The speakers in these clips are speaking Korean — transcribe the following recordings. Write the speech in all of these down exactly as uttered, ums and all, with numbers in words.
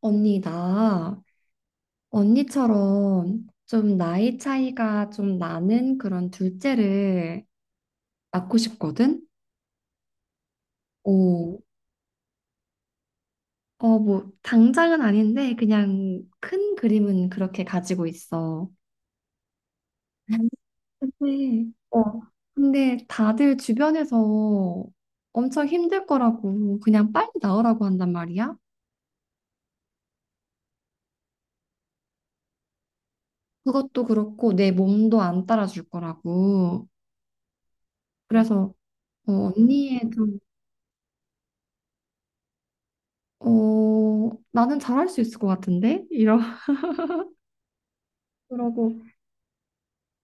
언니, 나 언니처럼 좀 나이 차이가 좀 나는 그런 둘째를 낳고 싶거든? 오, 어, 뭐, 당장은 아닌데, 그냥 큰 그림은 그렇게 가지고 있어. 근데, 어, 근데 다들 주변에서 엄청 힘들 거라고, 그냥 빨리 나으라고 한단 말이야? 그것도 그렇고, 내 몸도 안 따라줄 거라고. 그래서, 어, 언니의 좀 어, 나는 잘할 수 있을 것 같은데? 이러, 그러고,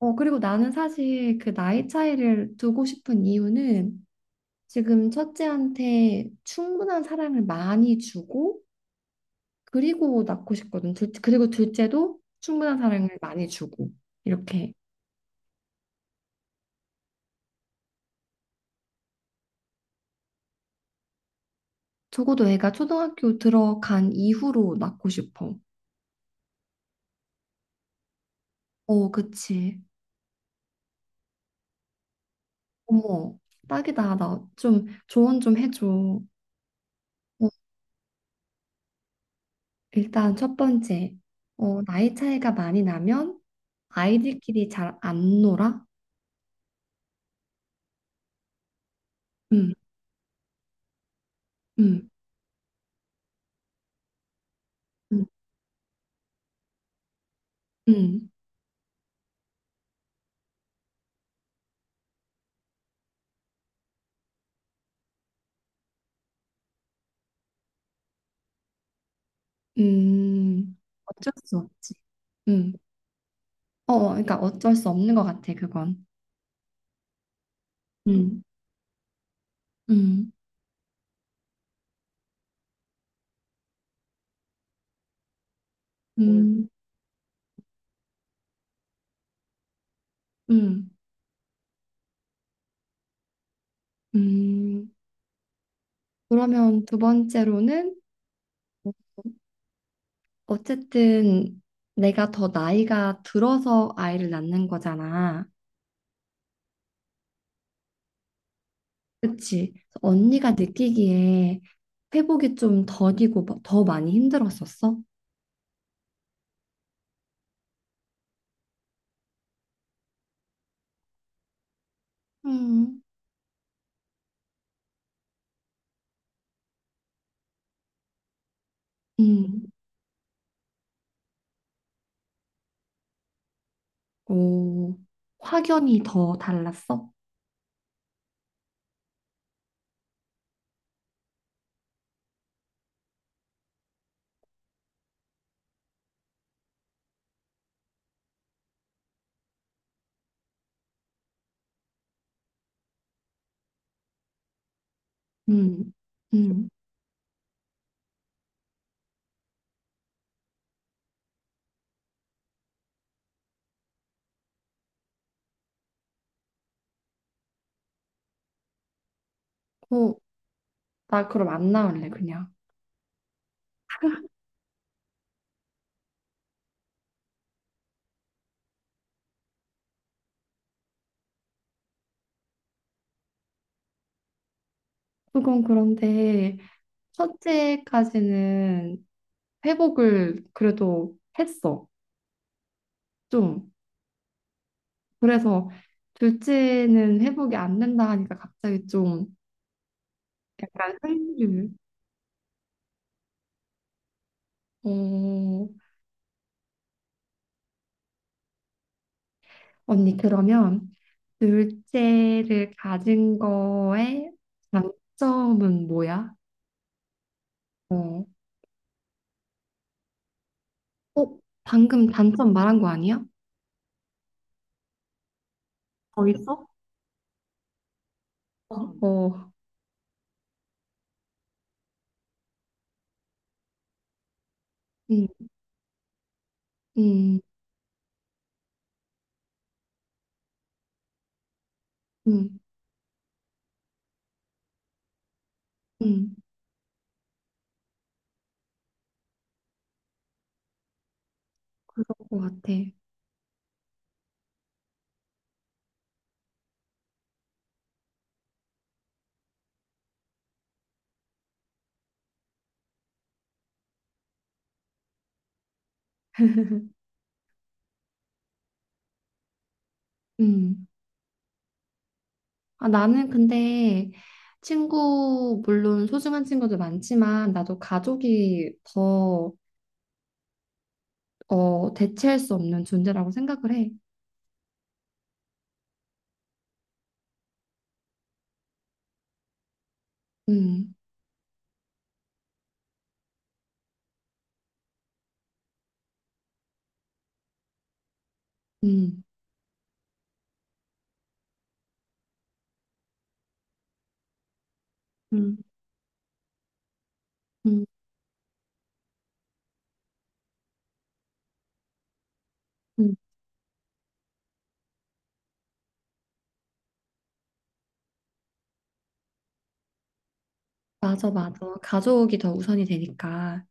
어, 그리고 나는 사실 그 나이 차이를 두고 싶은 이유는 지금 첫째한테 충분한 사랑을 많이 주고, 그리고 낳고 싶거든. 둘, 그리고 둘째도 충분한 사랑을 많이 주고, 이렇게. 적어도 애가 초등학교 들어간 이후로 낳고 싶어. 어, 그치. 어머, 딱이다. 나 좀 조언 좀 해줘. 어. 일단 첫 번째, 어, 나이 차이가 많이 나면 아이들끼리 잘 안 놀아? 음, 음, 음, 음, 음. 어쩔 수 없지. 음, 어, 어, 그러니까 어쩔 수 없는 것 같아, 그건. 음, 음, 음, 음, 음. 그러면 두 번째로는 어쨌든 내가 더 나이가 들어서 아이를 낳는 거잖아. 그치. 그래서 언니가 느끼기에 회복이 좀 더디고 마- 더 많이 힘들었었어? 음. 음, 오, 확연히 더 달랐어? 음, 음, 오, 나 그럼 안 나올래, 그냥. 그건 그런데 첫째까지는 회복을 그래도 했어, 좀. 그래서 둘째는 회복이 안 된다 하니까 갑자기 좀 약간 흥류. 어, 언니, 그러면 둘째를 가진 거에 장점은 뭐야? 어, 어, 방금 단점 말한 거 아니야? 더 있어? 어. 응. 음, 음, 음, 음, 그럴 것 같아. 음. 아, 나는 근데 친구, 물론 소중한 친구도 많지만, 나도 가족이 더, 어, 대체할 수 없는 존재라고 생각을 해. 음, 음, 음. 음, 음. 맞아, 맞아. 가족이 더 우선이 되니까.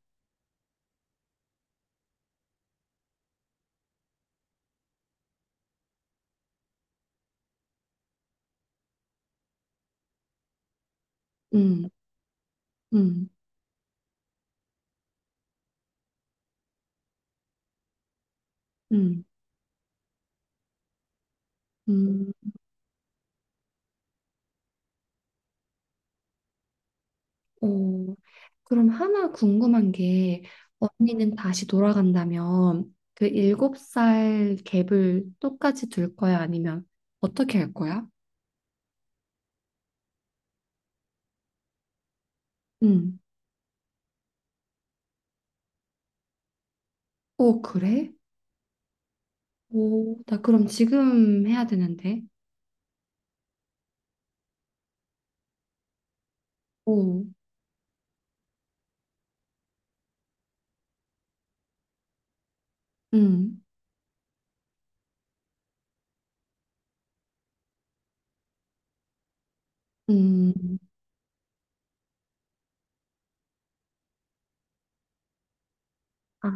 음. 음, 음, 음, 어, 그럼 하나 궁금한 게, 언니는 다시 돌아간다면 그 일곱 살 갭을 똑같이 둘 거야? 아니면 어떻게 할 거야? 음, 오, 그래? 오, 나 그럼 지금 해야 되는데. 오, 음, 음, 아,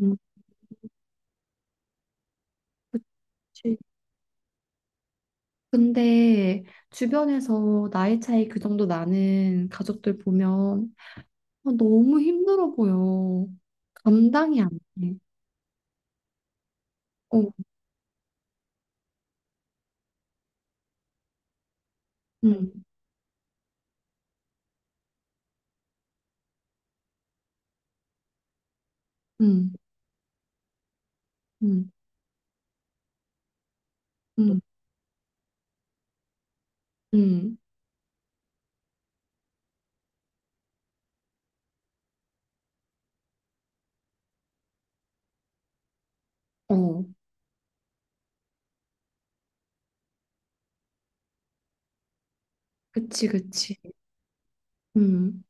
음, 그치. 근데 주변에서 나이 차이 그 정도 나는 가족들 보면 아, 너무 힘들어 보여. 감당이 안 돼. 어, 응, 응, 응, 응, 응. 어, 그치, 그치. 응,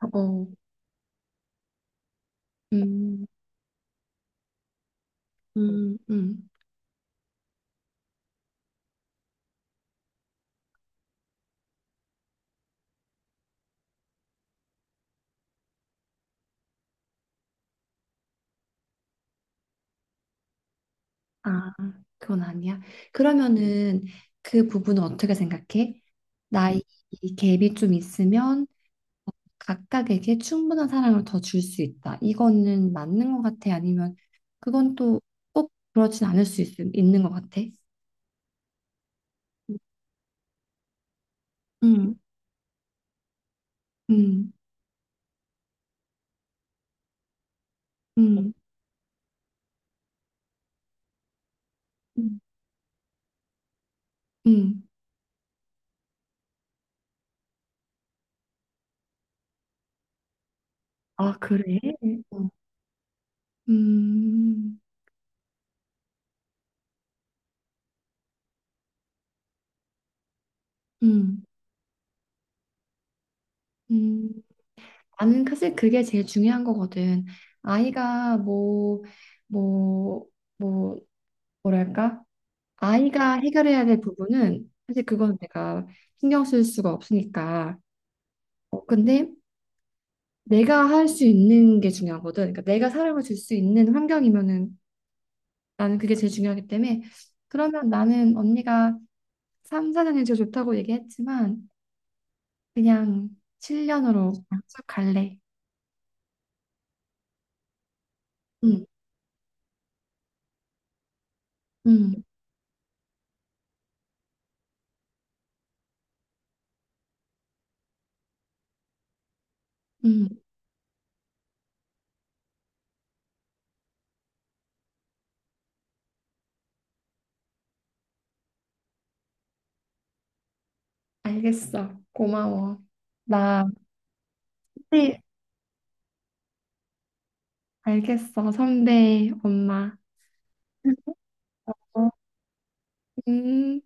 어, 응, 응, 응. 아, 그건 아니야. 그러면은 그 부분은 어떻게 생각해? 나이 갭이 좀 있으면 각각에게 충분한 사랑을 더 줄 수 있다. 이거는 맞는 것 같아? 아니면 그건 또 꼭 그렇진 않을 수 있, 있는 것 같아? 응, 응. 음, 음, 음. 아, 그래? 어, 음, 음, 음. 나는 사실 그게 제일 중요한 거거든. 아이가 뭐, 뭐, 뭐, 뭐랄까? 아이가 해결해야 될 부분은 사실 그건 내가 신경 쓸 수가 없으니까. 어, 근데 내가 할 수 있는 게 중요하거든. 그러니까 내가 사랑을 줄 수 있는 환경이면은 나는 그게 제일 중요하기 때문에 그러면 나는 언니가 삼, 사 년이 제일 좋다고 얘기했지만 그냥 칠 년으로 쭉 갈래. 응, 응, 응. 알겠어. 고마워. 나, 네, 알겠어. 선배, 엄마. 어, 음.